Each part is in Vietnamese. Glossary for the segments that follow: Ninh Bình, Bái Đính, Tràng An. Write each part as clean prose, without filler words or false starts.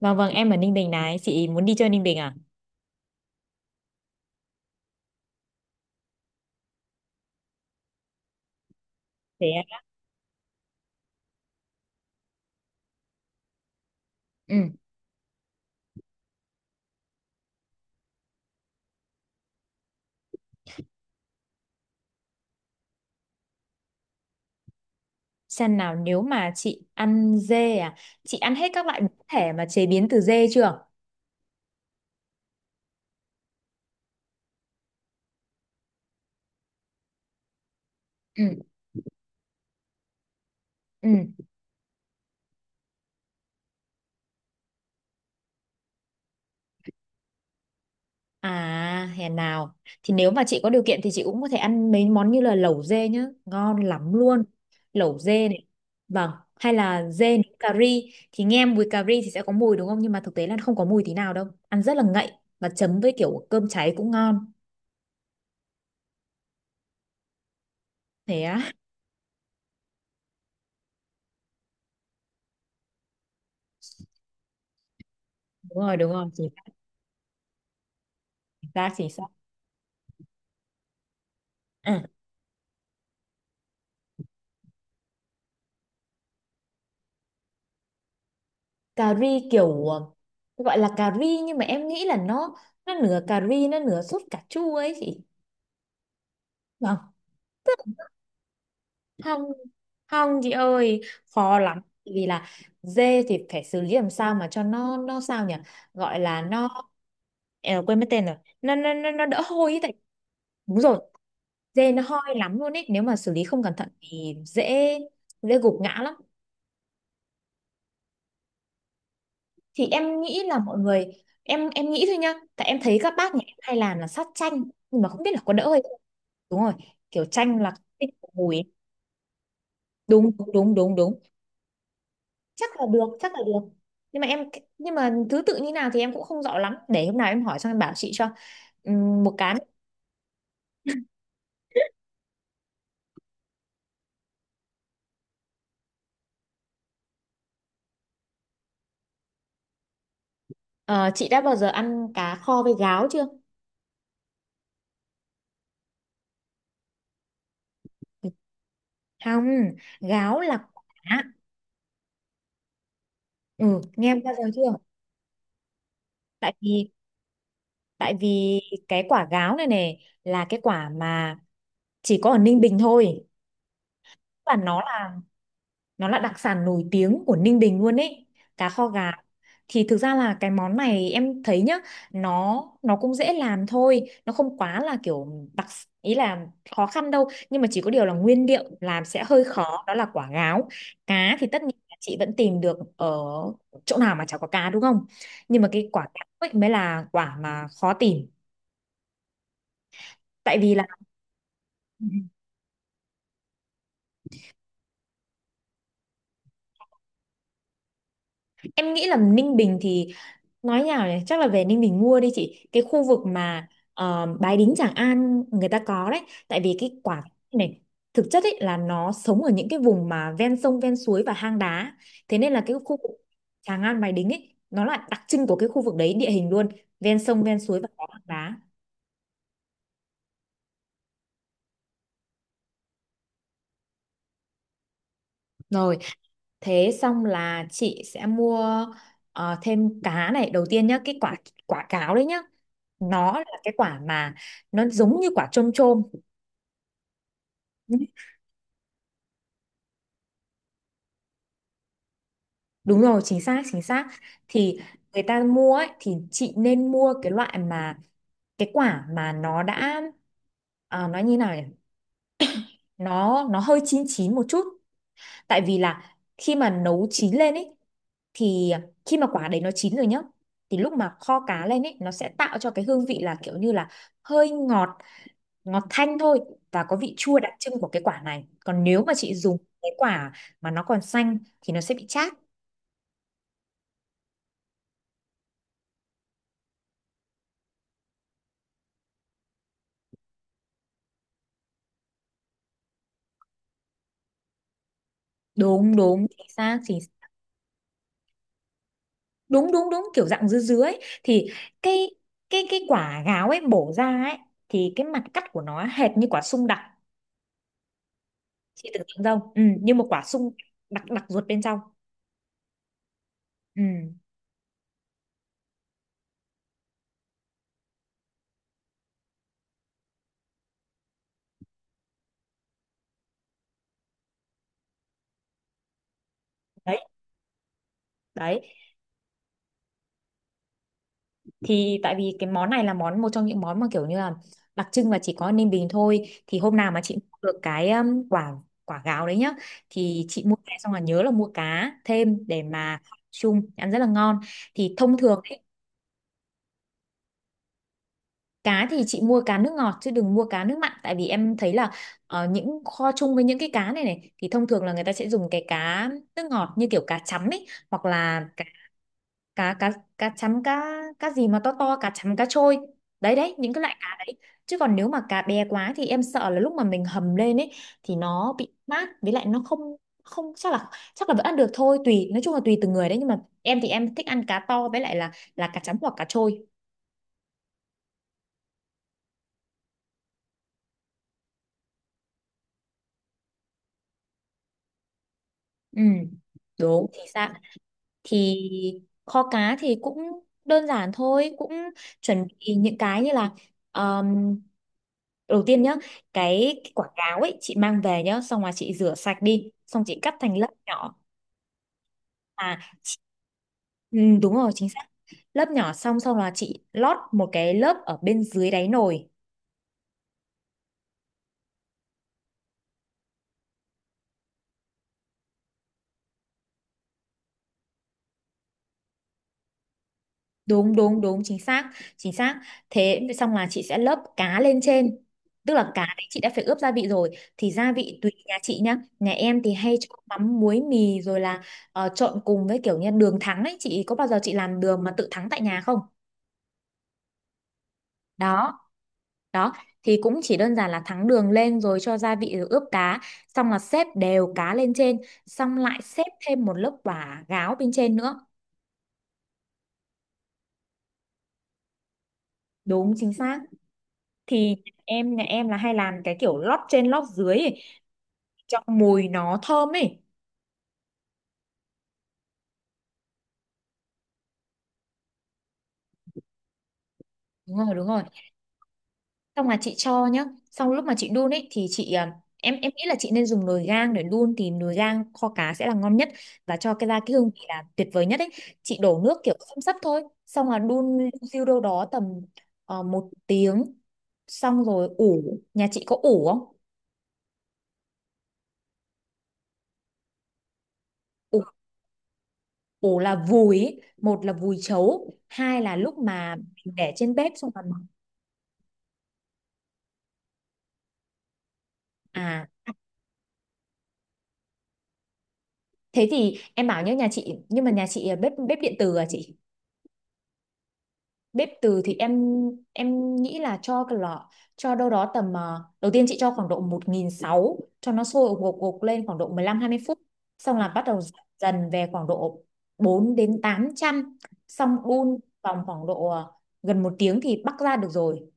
Vâng vâng, em ở Ninh Bình này, chị muốn đi chơi Ninh Bình à? Thế ạ. Ừ, xem nào nếu mà chị ăn dê à, chị ăn hết các loại biến thể mà chế biến từ dê chưa? Ừ, ừ. À, hèn nào. Thì nếu mà chị có điều kiện thì chị cũng có thể ăn mấy món như là lẩu dê nhá, ngon lắm luôn. Lẩu dê này. Vâng, hay là dê nấu cà ri thì nghe mùi cà ri thì sẽ có mùi đúng không? Nhưng mà thực tế là không có mùi tí nào đâu. Ăn rất là ngậy và chấm với kiểu cơm cháy cũng ngon. Thế á, đúng rồi, chính xác, chính xác. Chính xác. Cà ri kiểu gọi là cà ri nhưng mà em nghĩ là nó nửa cà ri, nó nửa sốt cà chua ấy chị. Vâng. Không không, chị ơi, khó lắm. Tại vì là dê thì phải xử lý làm sao mà cho nó sao nhỉ, gọi là nó, em quên mất tên rồi, nó đỡ hôi ấy, tại... Đúng rồi, dê nó hôi lắm luôn ấy, nếu mà xử lý không cẩn thận thì dễ dễ gục ngã lắm. Thì em nghĩ là mọi người, em nghĩ thôi nhá, tại em thấy các bác nhà em hay làm là sát chanh, nhưng mà không biết là có đỡ hay... Đúng rồi, kiểu chanh là thích mùi. Đúng đúng đúng đúng đúng, chắc là được, chắc là được. Nhưng mà em, nhưng mà thứ tự như nào thì em cũng không rõ lắm, để hôm nào em hỏi xong em bảo chị cho. Một cái. Ờ, chị đã bao giờ ăn cá kho với gáo chưa? Không, gáo là quả. Ừ, nghe bao giờ chưa? Tại vì tại vì cái quả gáo này này là cái quả mà chỉ có ở Ninh Bình thôi, và nó là đặc sản nổi tiếng của Ninh Bình luôn ấy. Cá kho gà thì thực ra là cái món này em thấy nhá, nó nó cũng dễ làm thôi, nó không quá là kiểu đặc ý là khó khăn đâu, nhưng mà chỉ có điều là nguyên liệu làm sẽ hơi khó, đó là quả gáo. Cá thì tất nhiên là chị vẫn tìm được ở chỗ nào mà chả có cá đúng không, nhưng mà cái quả gáo ấy mới là quả mà khó tìm. Tại vì là... Em nghĩ là Ninh Bình thì, nói nhào này, chắc là về Ninh Bình mua đi chị, cái khu vực mà Bái Đính Tràng An người ta có đấy. Tại vì cái quả này thực chất ấy là nó sống ở những cái vùng mà ven sông ven suối và hang đá, thế nên là cái khu vực Tràng An Bái Đính ấy nó là đặc trưng của cái khu vực đấy, địa hình luôn ven sông ven suối và có hang đá. Rồi. Thế xong là chị sẽ mua thêm cá này đầu tiên nhá, cái quả quả cáo đấy nhá, nó là cái quả mà nó giống như quả chôm chôm. Đúng rồi, chính xác, chính xác. Thì người ta mua ấy, thì chị nên mua cái loại mà, cái quả mà nó đã, nói như nào nhỉ? Nó hơi chín chín một chút. Tại vì là khi mà nấu chín lên ấy thì khi mà quả đấy nó chín rồi nhá thì lúc mà kho cá lên ấy nó sẽ tạo cho cái hương vị là kiểu như là hơi ngọt, ngọt thanh thôi, và có vị chua đặc trưng của cái quả này, còn nếu mà chị dùng cái quả mà nó còn xanh thì nó sẽ bị chát. Đúng đúng chính xác chính. Đúng đúng đúng, kiểu dạng dứa dứa ấy, thì cái cái quả gáo ấy bổ ra ấy, thì cái mặt cắt của nó hệt như quả sung đặc. Chị tưởng tượng không? Ừ, như một quả sung đặc, đặc ruột bên trong. Ừ. Đấy đấy. Thì tại vì cái món này là món một trong những món mà kiểu như là đặc trưng và chỉ có Ninh Bình thôi, thì hôm nào mà chị mua được cái quả quả gáo đấy nhá, thì chị mua về xong là nhớ là mua cá thêm để mà chung ăn rất là ngon. Thì thông thường, cá thì chị mua cá nước ngọt chứ đừng mua cá nước mặn, tại vì em thấy là những kho chung với những cái cá này này thì thông thường là người ta sẽ dùng cái cá nước ngọt như kiểu cá chấm ấy, hoặc là cá cá cá cá chấm, cá cá gì mà to to, cá chấm cá trôi, đấy đấy, những cái loại cá đấy. Chứ còn nếu mà cá bé quá thì em sợ là lúc mà mình hầm lên ấy thì nó bị mát, với lại nó không, không chắc là, chắc là vẫn ăn được thôi, tùy, nói chung là tùy từng người đấy, nhưng mà em thì em thích ăn cá to, với lại là cá chấm hoặc cá trôi. Ừ đúng thì sao, thì kho cá thì cũng đơn giản thôi, cũng chuẩn bị những cái như là um, đầu tiên nhá, cái quả cáo ấy chị mang về nhá, xong rồi chị rửa sạch đi, xong chị cắt thành lớp nhỏ. à chị- ừ, đúng rồi chính xác. Lớp nhỏ xong xong là chị lót một cái lớp ở bên dưới đáy nồi. Đúng đúng đúng, chính xác chính xác. Thế xong là chị sẽ lớp cá lên trên, tức là cá đấy chị đã phải ướp gia vị rồi, thì gia vị tùy nhà chị nhá, nhà em thì hay cho mắm muối mì rồi là trộn cùng với kiểu như đường thắng ấy, chị có bao giờ chị làm đường mà tự thắng tại nhà không? Đó đó, thì cũng chỉ đơn giản là thắng đường lên rồi cho gia vị rồi ướp cá, xong là xếp đều cá lên trên, xong lại xếp thêm một lớp quả gáo bên trên nữa. Đúng chính xác. Thì nhà em là hay làm cái kiểu lót trên lót dưới cho mùi nó thơm ấy. Đúng rồi đúng rồi. Xong là chị cho nhá. Xong lúc mà chị đun ấy thì chị em nghĩ là chị nên dùng nồi gang để đun, thì nồi gang kho cá sẽ là ngon nhất và cho cái ra cái hương vị là tuyệt vời nhất ấy. Chị đổ nước kiểu xăm xắp thôi, xong là đun siêu đâu đó tầm 1 tiếng, xong rồi ủ. Nhà chị có ủ không? Ủ, ủ là vùi ấy. Một là vùi chấu, hai là lúc mà mình để trên bếp xong rồi. à Thế thì em bảo nhớ nhà chị, nhưng mà nhà chị bếp bếp điện từ à chị? Bếp từ thì em nghĩ là cho cái lọ, cho đâu đó tầm đầu tiên chị cho khoảng độ 1600 cho nó sôi gục gục lên khoảng độ 15 20 phút, xong là bắt đầu giảm dần về khoảng độ 4 đến 800. Xong đun vòng khoảng độ gần 1 tiếng thì bắc ra được rồi,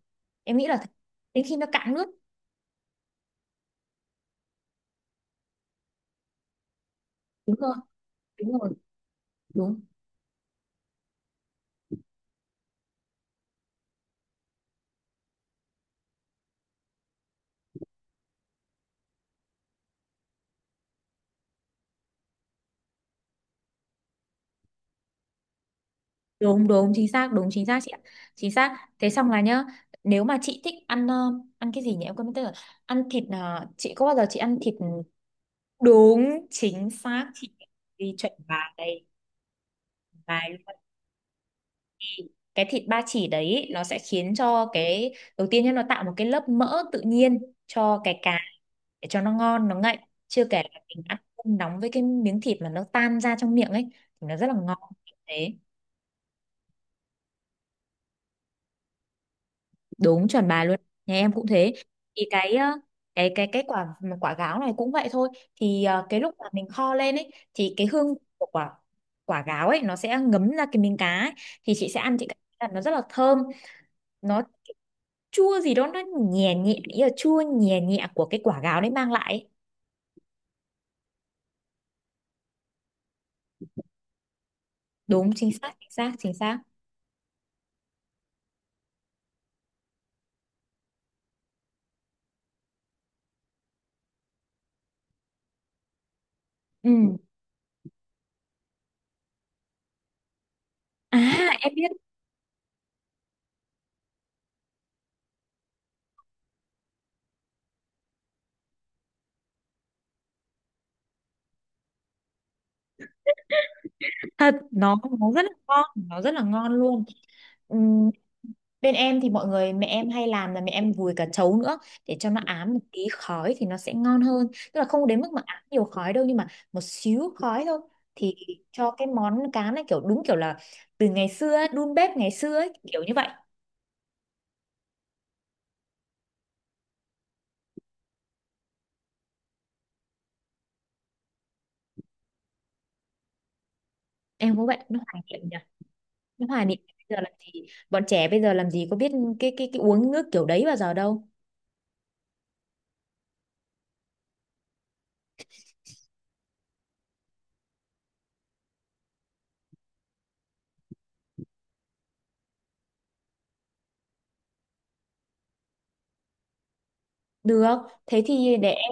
em nghĩ là thế. Đến khi nó cạn nước. Đúng rồi đúng rồi đúng đúng đúng chính xác, đúng chính xác chị ạ. Chính xác. Thế xong là nhá, nếu mà chị thích ăn ăn cái gì nhỉ em quên mất tên rồi, ăn thịt chị có bao giờ chị ăn thịt... Đúng, chính xác chị, đi chuẩn bài đây, bài luôn. Cái thịt ba chỉ đấy ý, nó sẽ khiến cho cái đầu tiên nhá nó tạo một cái lớp mỡ tự nhiên cho cái cá để cho nó ngon nó ngậy, chưa kể là mình ăn cơm nóng với cái miếng thịt mà nó tan ra trong miệng ấy thì nó rất là ngon. Thế. Đúng chuẩn bà luôn, nhà em cũng thế. Thì cái cái quả quả gáo này cũng vậy thôi. Thì cái lúc mà mình kho lên ấy thì cái hương của quả quả gáo ấy nó sẽ ngấm ra cái miếng cá ấy. Thì chị sẽ ăn chị cảm thấy là nó rất là thơm, nó chua gì đó, nó nhẹ nhẹ, ý là chua nhẹ nhẹ của cái quả gáo đấy mang lại ấy. Đúng chính xác chính xác chính xác. Ừ à em biết thật, nó rất là ngon, nó rất là ngon luôn. Ừ, bên em thì mọi người, mẹ em hay làm là mẹ em vùi cả trấu nữa để cho nó ám một tí khói thì nó sẽ ngon hơn. Tức là không đến mức mà ám nhiều khói đâu, nhưng mà một xíu khói thôi, thì cho cái món cá này kiểu đúng kiểu là từ ngày xưa ấy, đun bếp ngày xưa ấy, kiểu như vậy. Em cũng vậy, nó hoài niệm nhỉ. Nó hoài niệm. Bây giờ làm gì, bọn trẻ bây giờ làm gì có biết cái uống nước kiểu đấy bao giờ đâu. Được, thế thì để em.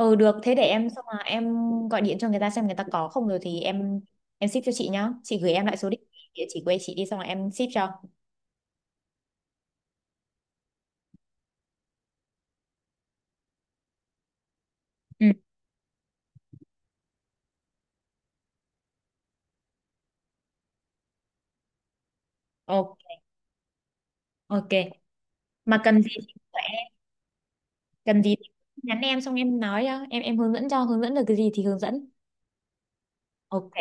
Ừ được, thế để em xong mà em gọi điện cho người ta xem người ta có không, rồi thì em ship cho chị nhá. Chị gửi em lại số địa địa chỉ quê chị đi xong rồi em ship cho. Ừ, ok. Ok. Mà cần gì thì cứ gọi em, cần gì thì nhắn em xong em nói cho, em hướng dẫn cho, hướng dẫn được cái gì thì hướng dẫn. Ok.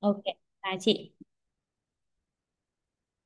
Ok. Là chị.